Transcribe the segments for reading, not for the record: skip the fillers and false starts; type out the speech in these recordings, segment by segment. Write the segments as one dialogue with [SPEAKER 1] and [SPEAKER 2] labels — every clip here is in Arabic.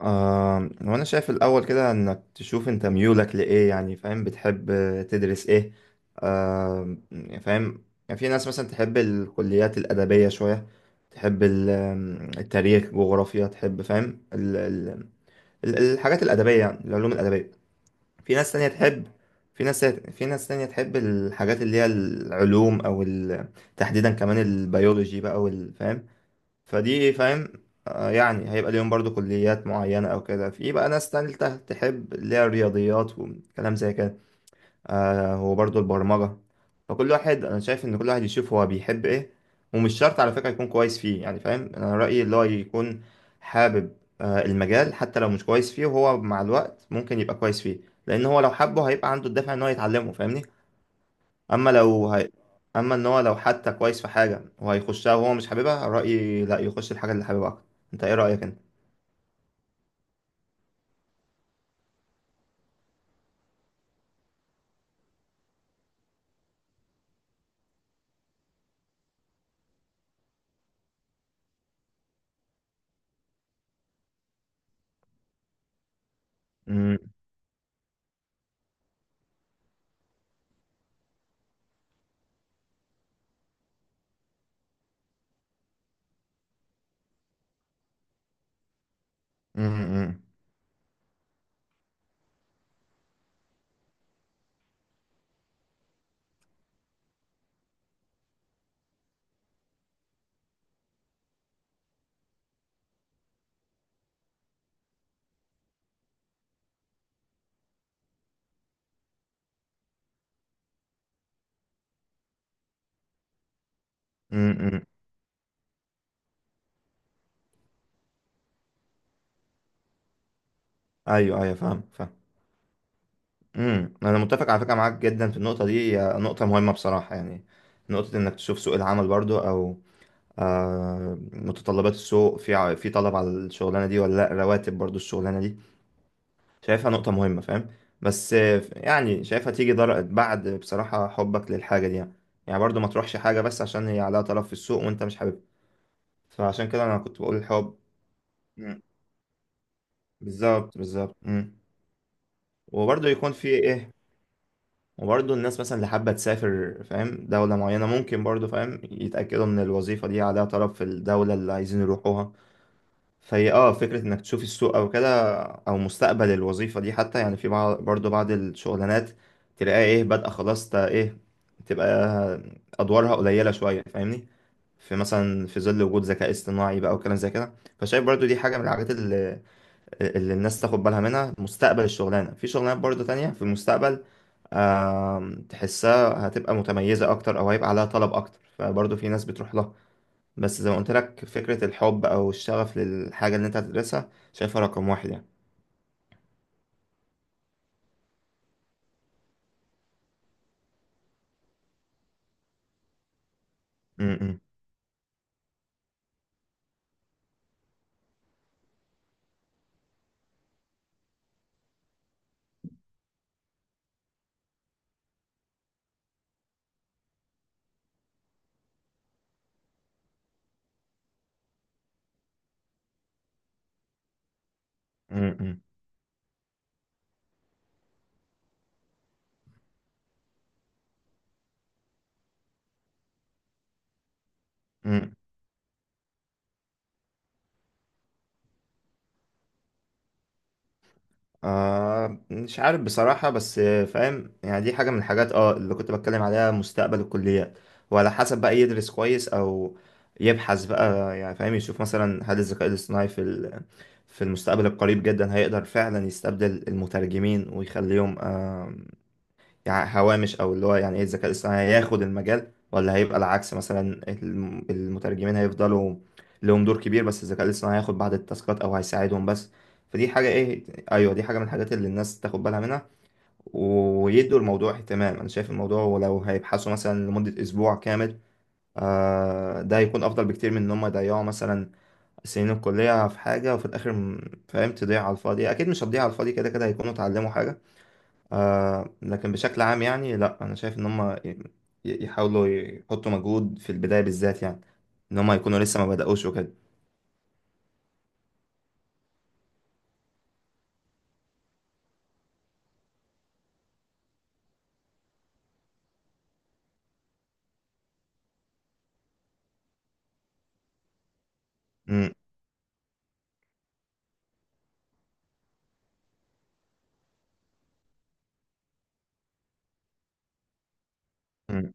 [SPEAKER 1] وانا شايف الاول كده انك تشوف انت ميولك لايه، يعني فاهم بتحب تدرس ايه. يعني فاهم. يعني في ناس مثلا تحب الكليات الادبيه شويه، تحب التاريخ جغرافيا، تحب فاهم الحاجات الادبيه، يعني العلوم الادبيه. في ناس تانية تحب في ناس تانية تحب الحاجات اللي هي العلوم او تحديدا كمان البيولوجي بقى والفاهم، فدي إيه، فاهم. يعني هيبقى ليهم برضو كليات معينة أو كده. في بقى ناس تالتة تحب اللي هي الرياضيات وكلام زي كده، وبرضو البرمجة. فكل واحد أنا شايف إن كل واحد يشوف هو بيحب إيه، ومش شرط على فكرة يكون كويس فيه. يعني فاهم، أنا رأيي اللي هو يكون حابب المجال، حتى لو مش كويس فيه وهو مع الوقت ممكن يبقى كويس فيه، لأن هو لو حبه هيبقى عنده الدافع إن هو يتعلمه، فاهمني. اما لو هي... اما ان هو لو حتى كويس في حاجه وهيخشها وهو مش حاببها، رايي لا، يخش الحاجه اللي حاببها اكتر. انت ايه رايك انت؟ امم امم امم ايوه، ايوه، فاهم، فاهم. انا متفق على فكره معاك جدا في النقطه دي، هي نقطه مهمه بصراحه، يعني نقطه انك تشوف سوق العمل برضو، او متطلبات السوق، في طلب على الشغلانه دي ولا لا، رواتب برضو الشغلانه دي شايفها نقطة مهمة، فاهم. بس يعني شايفها تيجي بعد بصراحة حبك للحاجة دي، يعني يعني برضو ما تروحش حاجة بس عشان هي عليها طلب في السوق وانت مش حاببها، فعشان كده انا كنت بقول الحب. مم. بالظبط بالظبط. مم. وبرضه يكون في ايه وبرضه الناس مثلا اللي حابة تسافر فاهم دولة معينة، ممكن برضه فاهم يتأكدوا ان الوظيفة دي عليها طلب في الدولة اللي عايزين يروحوها. فهي فكرة انك تشوف السوق او كده، او مستقبل الوظيفة دي حتى. يعني في بعض برضو بعض الشغلانات تلاقيها ايه بادئة خلاص، تا ايه، تبقى ادوارها قليلة شوية، فاهمني، في مثلا في ظل وجود ذكاء اصطناعي بقى وكلام زي كده. فشايف برضو دي حاجة من الحاجات اللي الناس تاخد بالها منها، مستقبل الشغلانة، في شغلانات برضو تانية في المستقبل. تحسها هتبقى متميزة اكتر، او هيبقى عليها طلب اكتر، فبرضو في ناس بتروح لها. بس زي ما قلت لك، فكرة الحب أو الشغف للحاجة اللي أنت هتدرسها شايفها رقم واحد يعني. م- م- م- م- م. مش عارف بصراحة، بس فاهم يعني دي حاجة من الحاجات اللي كنت بتكلم عليها، مستقبل الكليات، وعلى حسب بقى يدرس كويس أو يبحث بقى، يعني فاهم يشوف مثلا هل الذكاء الاصطناعي في المستقبل القريب جدا هيقدر فعلا يستبدل المترجمين ويخليهم يعني هوامش، او اللي هو يعني ايه الذكاء الاصطناعي هياخد المجال، ولا هيبقى العكس مثلا المترجمين هيفضلوا لهم دور كبير بس الذكاء الاصطناعي هياخد بعض التاسكات او هيساعدهم بس. فدي حاجة ايه، ايوه دي حاجة من الحاجات اللي الناس تاخد بالها منها ويدوا الموضوع اهتمام. انا شايف الموضوع، ولو هيبحثوا مثلا لمدة اسبوع كامل ده هيكون افضل بكتير من ان هم يضيعوا مثلا سنين الكلية في حاجة، وفي الاخر فاهم تضيع على الفاضي، اكيد مش هتضيع على الفاضي، كده كده هيكونوا اتعلموا حاجة. لكن بشكل عام يعني، لا، انا شايف ان هم يحاولوا يحطوا مجهود في البدايه بالذات، يعني ان هم يكونوا لسه ما بداوش وكده. امم أمم.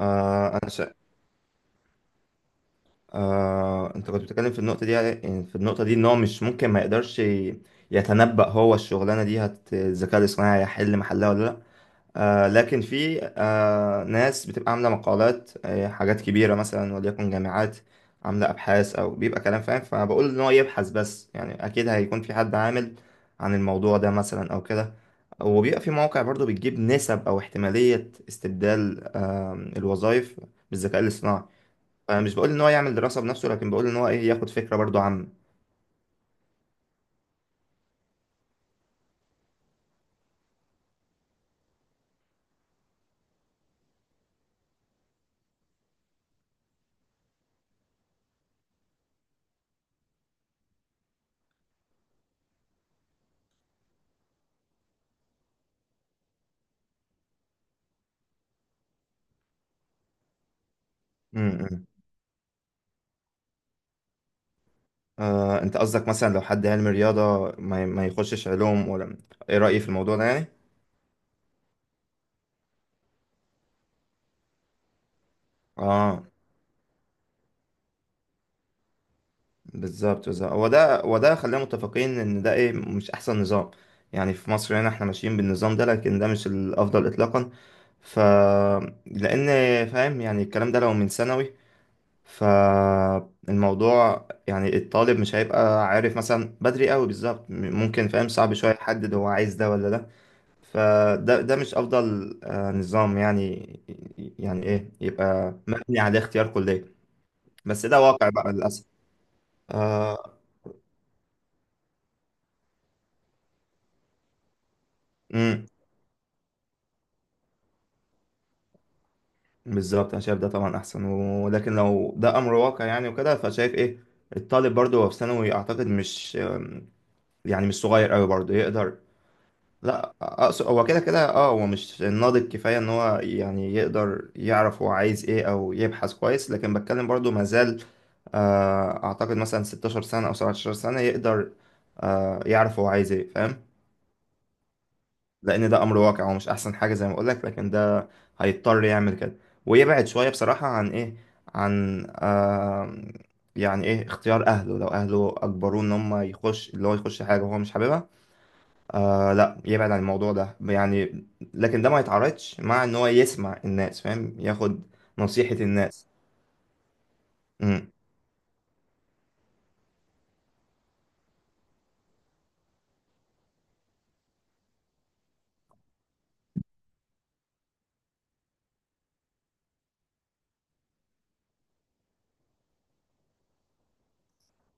[SPEAKER 1] آه انا شا... انت كنت بتتكلم في النقطه دي، يعني في النقطه دي ان هو مش ممكن ما يقدرش يتنبأ هو الشغلانه دي هت الذكاء الاصطناعي هيحل محلها ولا لا. لكن في ناس بتبقى عاملة مقالات حاجات كبيرة، مثلا وليكن جامعات عاملة أبحاث، أو بيبقى كلام فاهم، فبقول إن هو يبحث بس، يعني أكيد هيكون في حد عامل عن الموضوع ده مثلا أو كده، وبيبقى في مواقع برضو بتجيب نسب أو احتمالية استبدال الوظائف بالذكاء الاصطناعي. فمش بقول إن هو يعمل دراسة بنفسه، لكن بقول إن هو إيه، ياخد فكرة برضو عامة. م- م. أنت قصدك مثلا لو حد علم رياضة ما يخشش علوم، ولا إيه رأيي في الموضوع ده يعني؟ آه بالظبط بالظبط، هو ده، وده خلينا متفقين ان ده ايه، مش احسن نظام يعني. في مصر هنا احنا ماشيين بالنظام ده، لكن ده مش الافضل اطلاقا. ف لان فاهم يعني الكلام ده لو من ثانوي، فالموضوع يعني الطالب مش هيبقى عارف مثلا بدري قوي بالظبط، ممكن فاهم صعب شويه يحدد هو عايز ده ولا ده. فده مش افضل نظام، يعني يعني ايه يبقى مبني على اختيار كليه. بس ده واقع بقى للاسف. آه، بالظبط انا شايف ده طبعا احسن، ولكن لو ده امر واقع يعني وكده، فشايف ايه الطالب برضه هو في ثانوي اعتقد مش يعني مش صغير قوي برضه يقدر. لا، اقصد هو كده كده اه هو مش ناضج كفايه ان هو يعني يقدر يعرف هو عايز ايه او يبحث كويس، لكن بتكلم برضه ما زال اعتقد مثلا 16 سنه او 17 سنه يقدر يعرف هو عايز ايه، فاهم. لان ده امر واقع ومش احسن حاجه زي ما اقول لك، لكن ده هيضطر يعمل كده، ويبعد شويه بصراحه عن ايه، عن يعني ايه اختيار اهله، لو اهله اجبروه ان هم يخش اللي هو يخش حاجه وهو مش حاببها، لا، يبعد عن الموضوع ده يعني. لكن ده ما يتعارضش مع ان هو يسمع الناس فاهم، ياخد نصيحه الناس. امم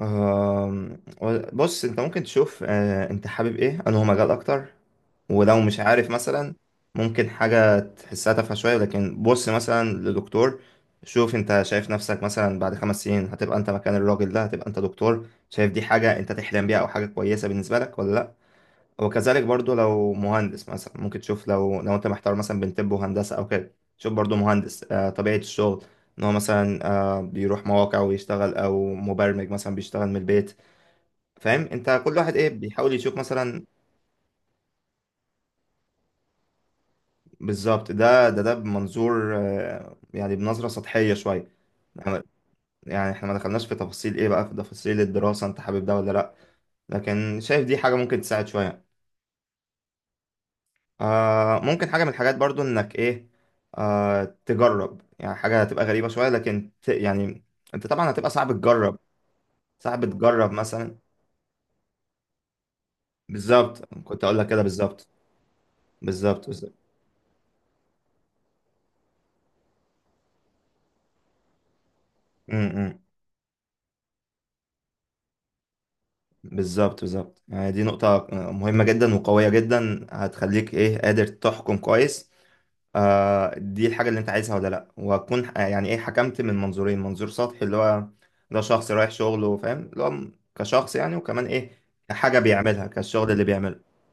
[SPEAKER 1] آم، بص انت ممكن تشوف انت حابب ايه انه هو مجال اكتر، ولو مش عارف مثلا ممكن حاجة تحسها تافهة شوية، لكن بص مثلا لدكتور، شوف انت شايف نفسك مثلا بعد 5 سنين هتبقى انت مكان الراجل ده، هتبقى انت دكتور، شايف دي حاجة انت تحلم بيها او حاجة كويسة بالنسبة لك ولا لا. وكذلك برضو لو مهندس مثلا ممكن تشوف، لو انت محتار مثلا بين طب وهندسة او كده، شوف برضو مهندس طبيعة الشغل ان هو مثلا بيروح مواقع ويشتغل، او مبرمج مثلا بيشتغل من البيت، فاهم، انت كل واحد ايه بيحاول يشوف مثلا. بالظبط، ده ده ده بمنظور يعني بنظرة سطحية شوية. إحنا- يعني احنا ما دخلناش في تفاصيل ايه بقى، في تفاصيل الدراسة انت حابب ده ولا لا، لكن شايف دي حاجة ممكن تساعد شوية. ممكن حاجة من الحاجات برضو انك ايه، تجرب، يعني حاجة هتبقى غريبة شوية لكن يعني انت طبعا هتبقى صعب تجرب، صعب تجرب مثلا. بالظبط كنت اقول لك كده، بالظبط، بالظبط بالظبط. م- م. بالظبط بالظبط، يعني دي نقطة مهمة جدا وقوية جدا، هتخليك ايه قادر تحكم كويس دي الحاجة اللي انت عايزها ولا لا، وهتكون يعني ايه، حكمت من منظورين، منظور سطحي اللي هو ده شخص رايح شغله، فاهم اللي هو كشخص يعني، وكمان ايه، كحاجة بيعملها، كالشغل اللي بيعمله